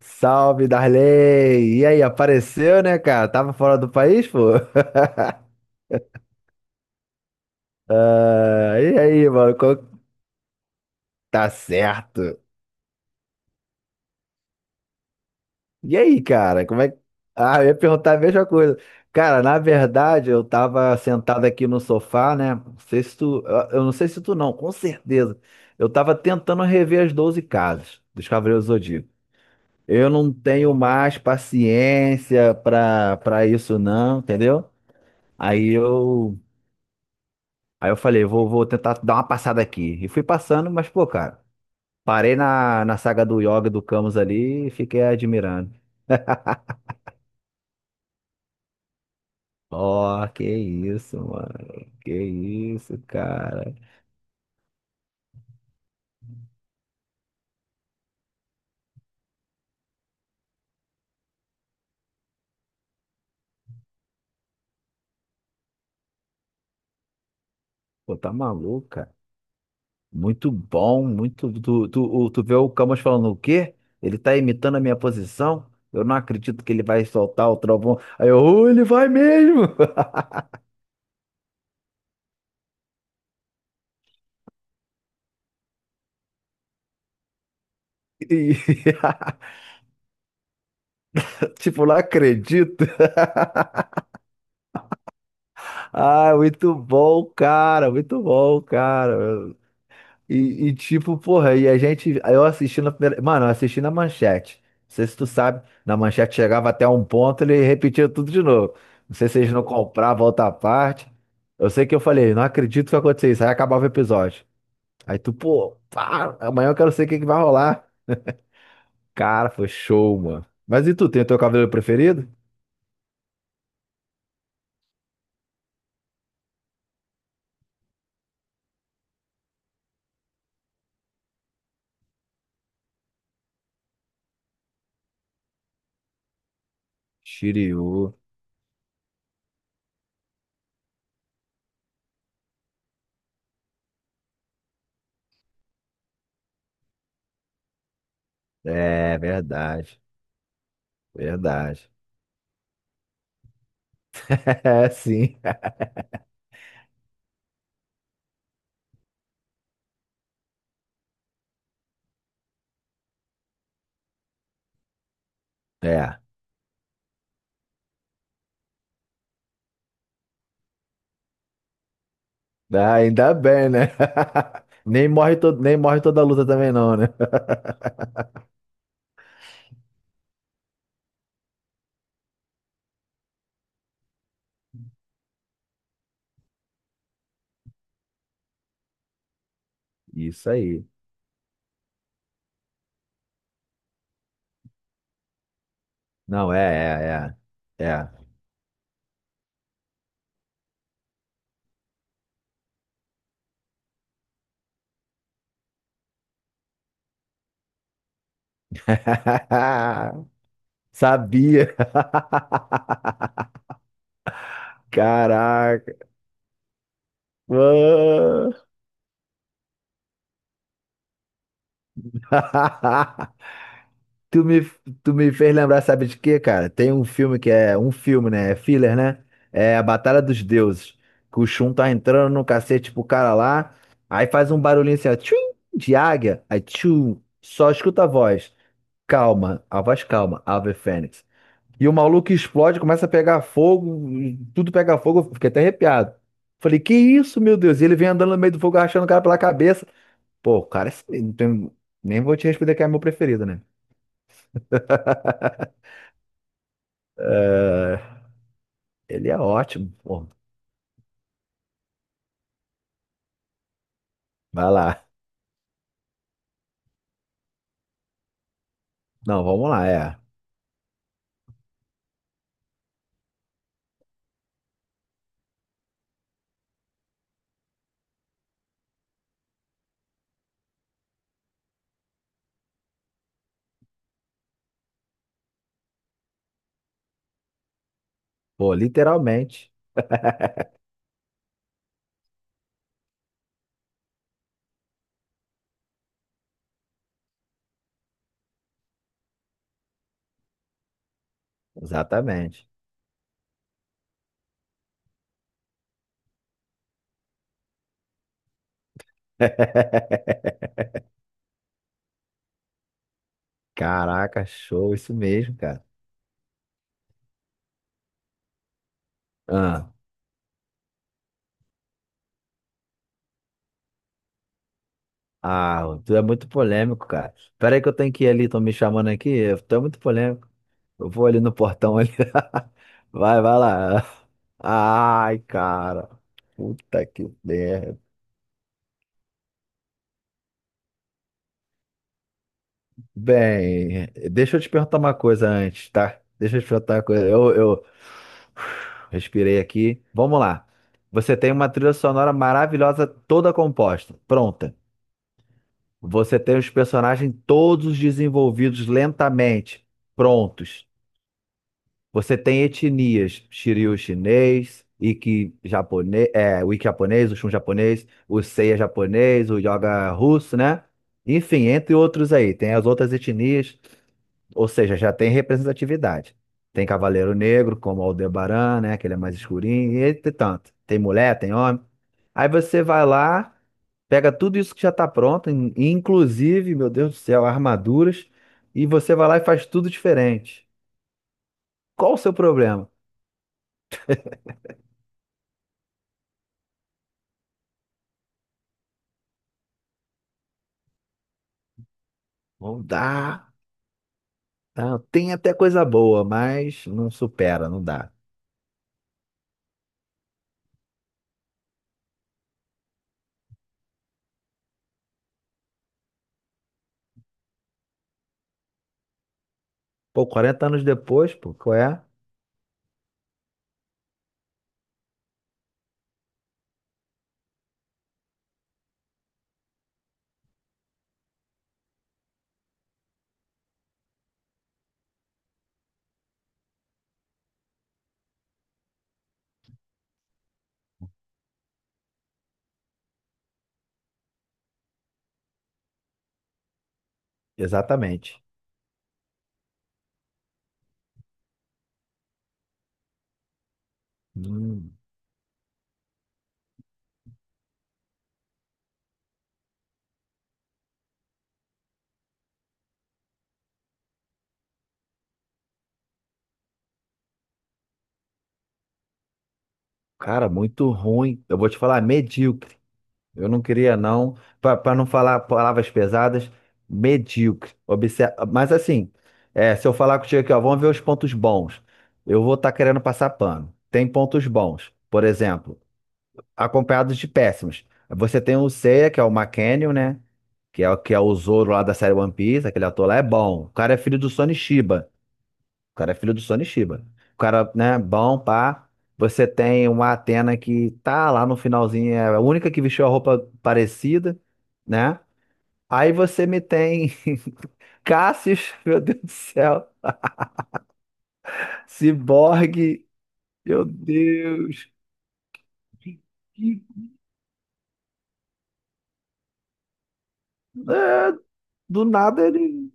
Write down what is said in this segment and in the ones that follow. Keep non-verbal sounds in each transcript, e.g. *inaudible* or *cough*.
Salve, Darley! E aí, apareceu, né, cara? Tava fora do país, pô? *laughs* Ah, e aí, mano? Tá certo. E aí, cara? Como é que. Ah, eu ia perguntar a mesma coisa. Cara, na verdade, eu tava sentado aqui no sofá, né? Não sei se tu. Eu não sei se tu não, com certeza. Eu tava tentando rever as 12 casas dos Cavaleiros do Zodíaco. Eu não tenho mais paciência pra isso, não, entendeu? Aí eu. Aí eu falei, vou tentar dar uma passada aqui. E fui passando, mas, pô, cara, parei na saga do Yoga do Camus ali e fiquei admirando. Ó, que isso, mano. Que isso, cara. Pô, tá maluco, cara. Muito bom, muito. Tu vê o Camus falando o quê? Ele tá imitando a minha posição? Eu não acredito que ele vai soltar o trovão. Aí eu, "Oh, ele vai mesmo! *laughs* E, *laughs* tipo, não acredito. Ah, muito bom, cara, muito bom, cara. E, tipo, porra, e a gente. Aí eu assisti na primeira. Mano, eu assisti na manchete. Não sei se tu sabe, na manchete chegava até um ponto, ele repetia tudo de novo. Não sei se eles não compravam outra parte. Eu sei que eu falei, não acredito que vai acontecer isso. Aí acabava o episódio. Aí tu, pô, pá, amanhã eu quero saber o que que vai rolar. Cara, foi show, mano. Mas e tu, tem o teu cabelo preferido? Shiryu. É, verdade. Verdade. *laughs* É, sim. É. Ah, ainda bem, né? *laughs* Nem morre, todo, nem morre toda a luta também, não, né? *laughs* Isso aí. Não, é, é, é. É. *laughs* Sabia. Caraca. Mano. *laughs* Tu me, tu me fez lembrar, sabe de quê, cara? Tem um filme que é um filme, né? É filler, né? É a Batalha dos Deuses. Que o Shun tá entrando no cacete pro cara lá. Aí faz um barulhinho assim, ó, tchum, de águia. Aí tchum, só escuta a voz. Calma, a voz calma, Ave Fênix. E o maluco explode, começa a pegar fogo, e tudo pega fogo, eu fiquei até arrepiado. Falei, que isso, meu Deus? E ele vem andando no meio do fogo, arrastando o cara pela cabeça. Pô, o cara, é assim, nem vou te responder que é meu preferido, né? Ele é ótimo, pô. Vai lá. Não, vamos lá, é. Pô, literalmente. Exatamente. *laughs* Caraca, show, isso mesmo, cara. ah Ah, tu é muito polêmico, cara. Pera aí que eu tenho que ir ali, estão me chamando aqui. Tu é muito polêmico. Eu vou ali no portão ali. *laughs* Vai, vai lá. Ai, cara. Puta que merda. Bem, deixa eu te perguntar uma coisa antes, tá? Deixa eu te perguntar uma coisa. Eu respirei aqui. Vamos lá. Você tem uma trilha sonora maravilhosa, toda composta, pronta. Você tem os personagens todos desenvolvidos lentamente, prontos. Você tem etnias, Shiryu chinês, Iki japonês, é, o Iki japonês, o Shun japonês, o Seiya japonês, o Yoga russo, né? Enfim, entre outros aí, tem as outras etnias, ou seja, já tem representatividade. Tem Cavaleiro Negro, como Aldebaran, né? Que ele é mais escurinho, e entre tanto. Tem mulher, tem homem. Aí você vai lá, pega tudo isso que já tá pronto, inclusive, meu Deus do céu, armaduras, e você vai lá e faz tudo diferente. Qual o seu problema? Não dá. Tá, tem até coisa boa, mas não supera, não dá. Pô, 40 anos depois, pô, qual é? Exatamente. Hum, cara, muito ruim. Eu vou te falar, medíocre. Eu não queria, não. Para não falar palavras pesadas, medíocre. Mas assim, é, se eu falar contigo aqui, ó, vamos ver os pontos bons. Eu vou estar querendo passar pano. Tem pontos bons, por exemplo, acompanhados de péssimos. Você tem o Seiya, que é o McCann, né? Que é o Zoro lá da série One Piece, aquele ator lá é bom. O cara é filho do Sonny Chiba. O cara é filho do Sonny Chiba. O cara, né, bom, pá. Você tem uma Atena que tá lá no finalzinho, é a única que vestiu a roupa parecida, né? Aí você me tem *laughs* Cassius, meu Deus do céu, Ciborgue, meu Deus. É, do nada ele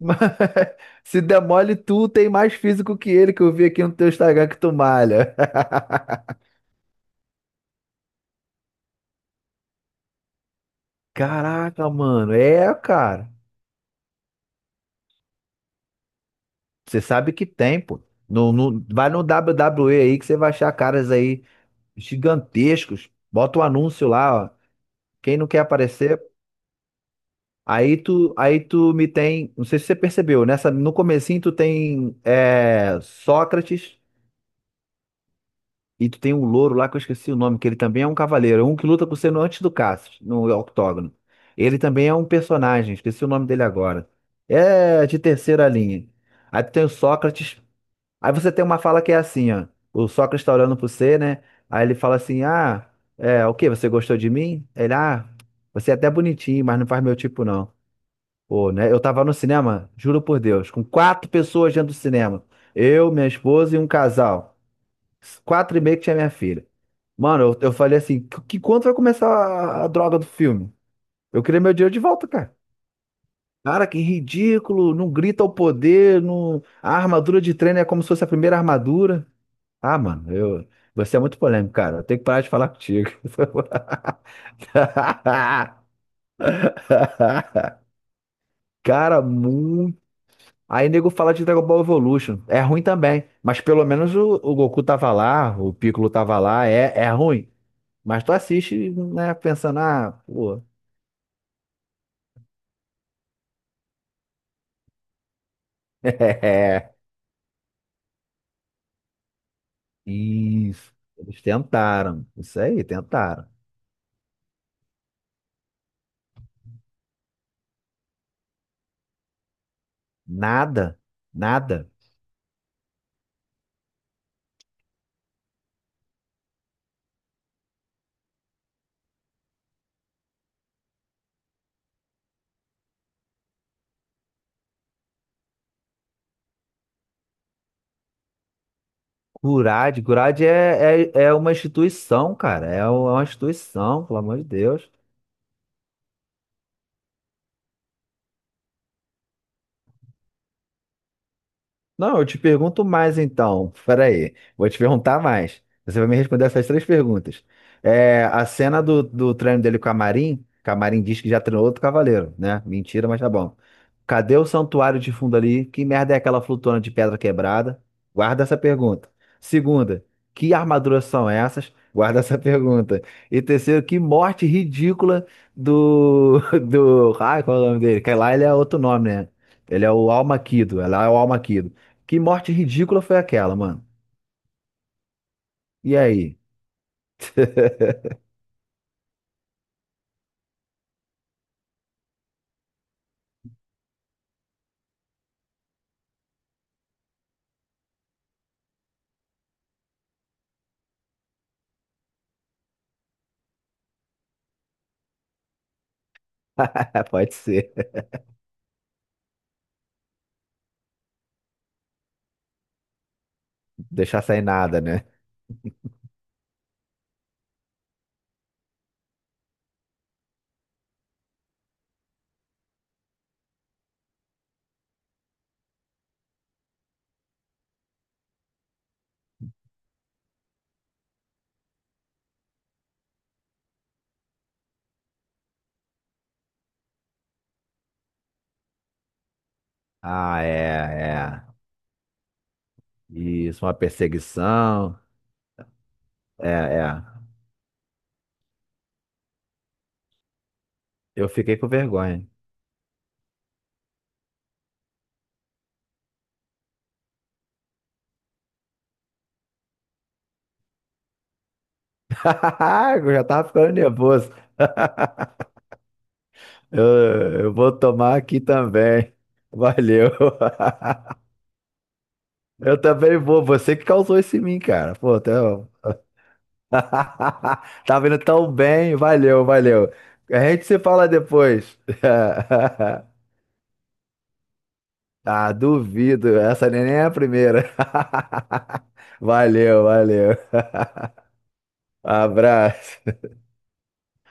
*laughs* se demole tu, tem mais físico que ele que eu vi aqui no teu Instagram que tu malha. Caraca, mano. É, cara. Você sabe que tem, pô. Vai no WWE aí que você vai achar caras aí gigantescos. Bota o anúncio lá, ó. Quem não quer aparecer. Aí tu me tem. Não sei se você percebeu, nessa, no comecinho tu tem é, Sócrates e tu tem um louro lá que eu esqueci o nome, que ele também é um cavaleiro. Um que luta com você no antes do Cassius, no octógono. Ele também é um personagem, esqueci o nome dele agora. É de terceira linha. Aí tu tem o Sócrates. Aí você tem uma fala que é assim, ó. O Sócrates está olhando pro você, né? Aí ele fala assim: ah, é, o quê? Você gostou de mim? Ele, ah, você é até bonitinho, mas não faz meu tipo, não. Pô, né? Eu tava no cinema, juro por Deus, com quatro pessoas dentro do cinema. Eu, minha esposa e um casal. Quatro e meio que tinha minha filha. Mano, eu falei assim: que quanto vai começar a droga do filme? Eu queria meu dinheiro de volta, cara. Cara, que ridículo. Não grita ao poder, não... a armadura de treino é como se fosse a primeira armadura. Ah, mano, eu... você é muito polêmico, cara. Eu tenho que parar de falar contigo. *laughs* Cara, muito. Aí nego fala de Dragon Ball Evolution. É ruim também. Mas pelo menos o Goku tava lá, o Piccolo tava lá. É, é ruim. Mas tu assiste, né, pensando, ah, pô. *laughs* É, isso. Eles tentaram. Isso aí, tentaram. Nada. Nada. Gurad, Gurad é, uma instituição, cara. É é uma instituição, pelo amor de Deus. Não, eu te pergunto mais então. Peraí, vou te perguntar mais. Você vai me responder essas três perguntas. É, a cena do treino dele com a Marin, que a Marin diz que já treinou outro cavaleiro, né? Mentira, mas tá bom. Cadê o santuário de fundo ali? Que merda é aquela flutuante de pedra quebrada? Guarda essa pergunta. Segunda, que armaduras são essas? Guarda essa pergunta. E terceiro, que morte ridícula do. *laughs* do. Ai, qual é o nome dele? Que lá ele é outro nome, né? Ele é o Almaquido. Lá é o Almaquido. Que morte ridícula foi aquela, mano? E aí? *laughs* Pode ser. Deixar sem nada, né? Ah, é, é. Isso, uma perseguição. É, é. Eu fiquei com vergonha. *laughs* Eu já tava ficando nervoso. *laughs* Eu, eu vou tomar aqui também. Valeu. *laughs* Eu também vou. Você que causou esse mim, cara. Pô, tá... *laughs* tá vindo tão bem. Valeu, valeu. A gente se fala depois. *laughs* Ah, duvido. Essa nem é a primeira. *laughs* Valeu, valeu. Abraço.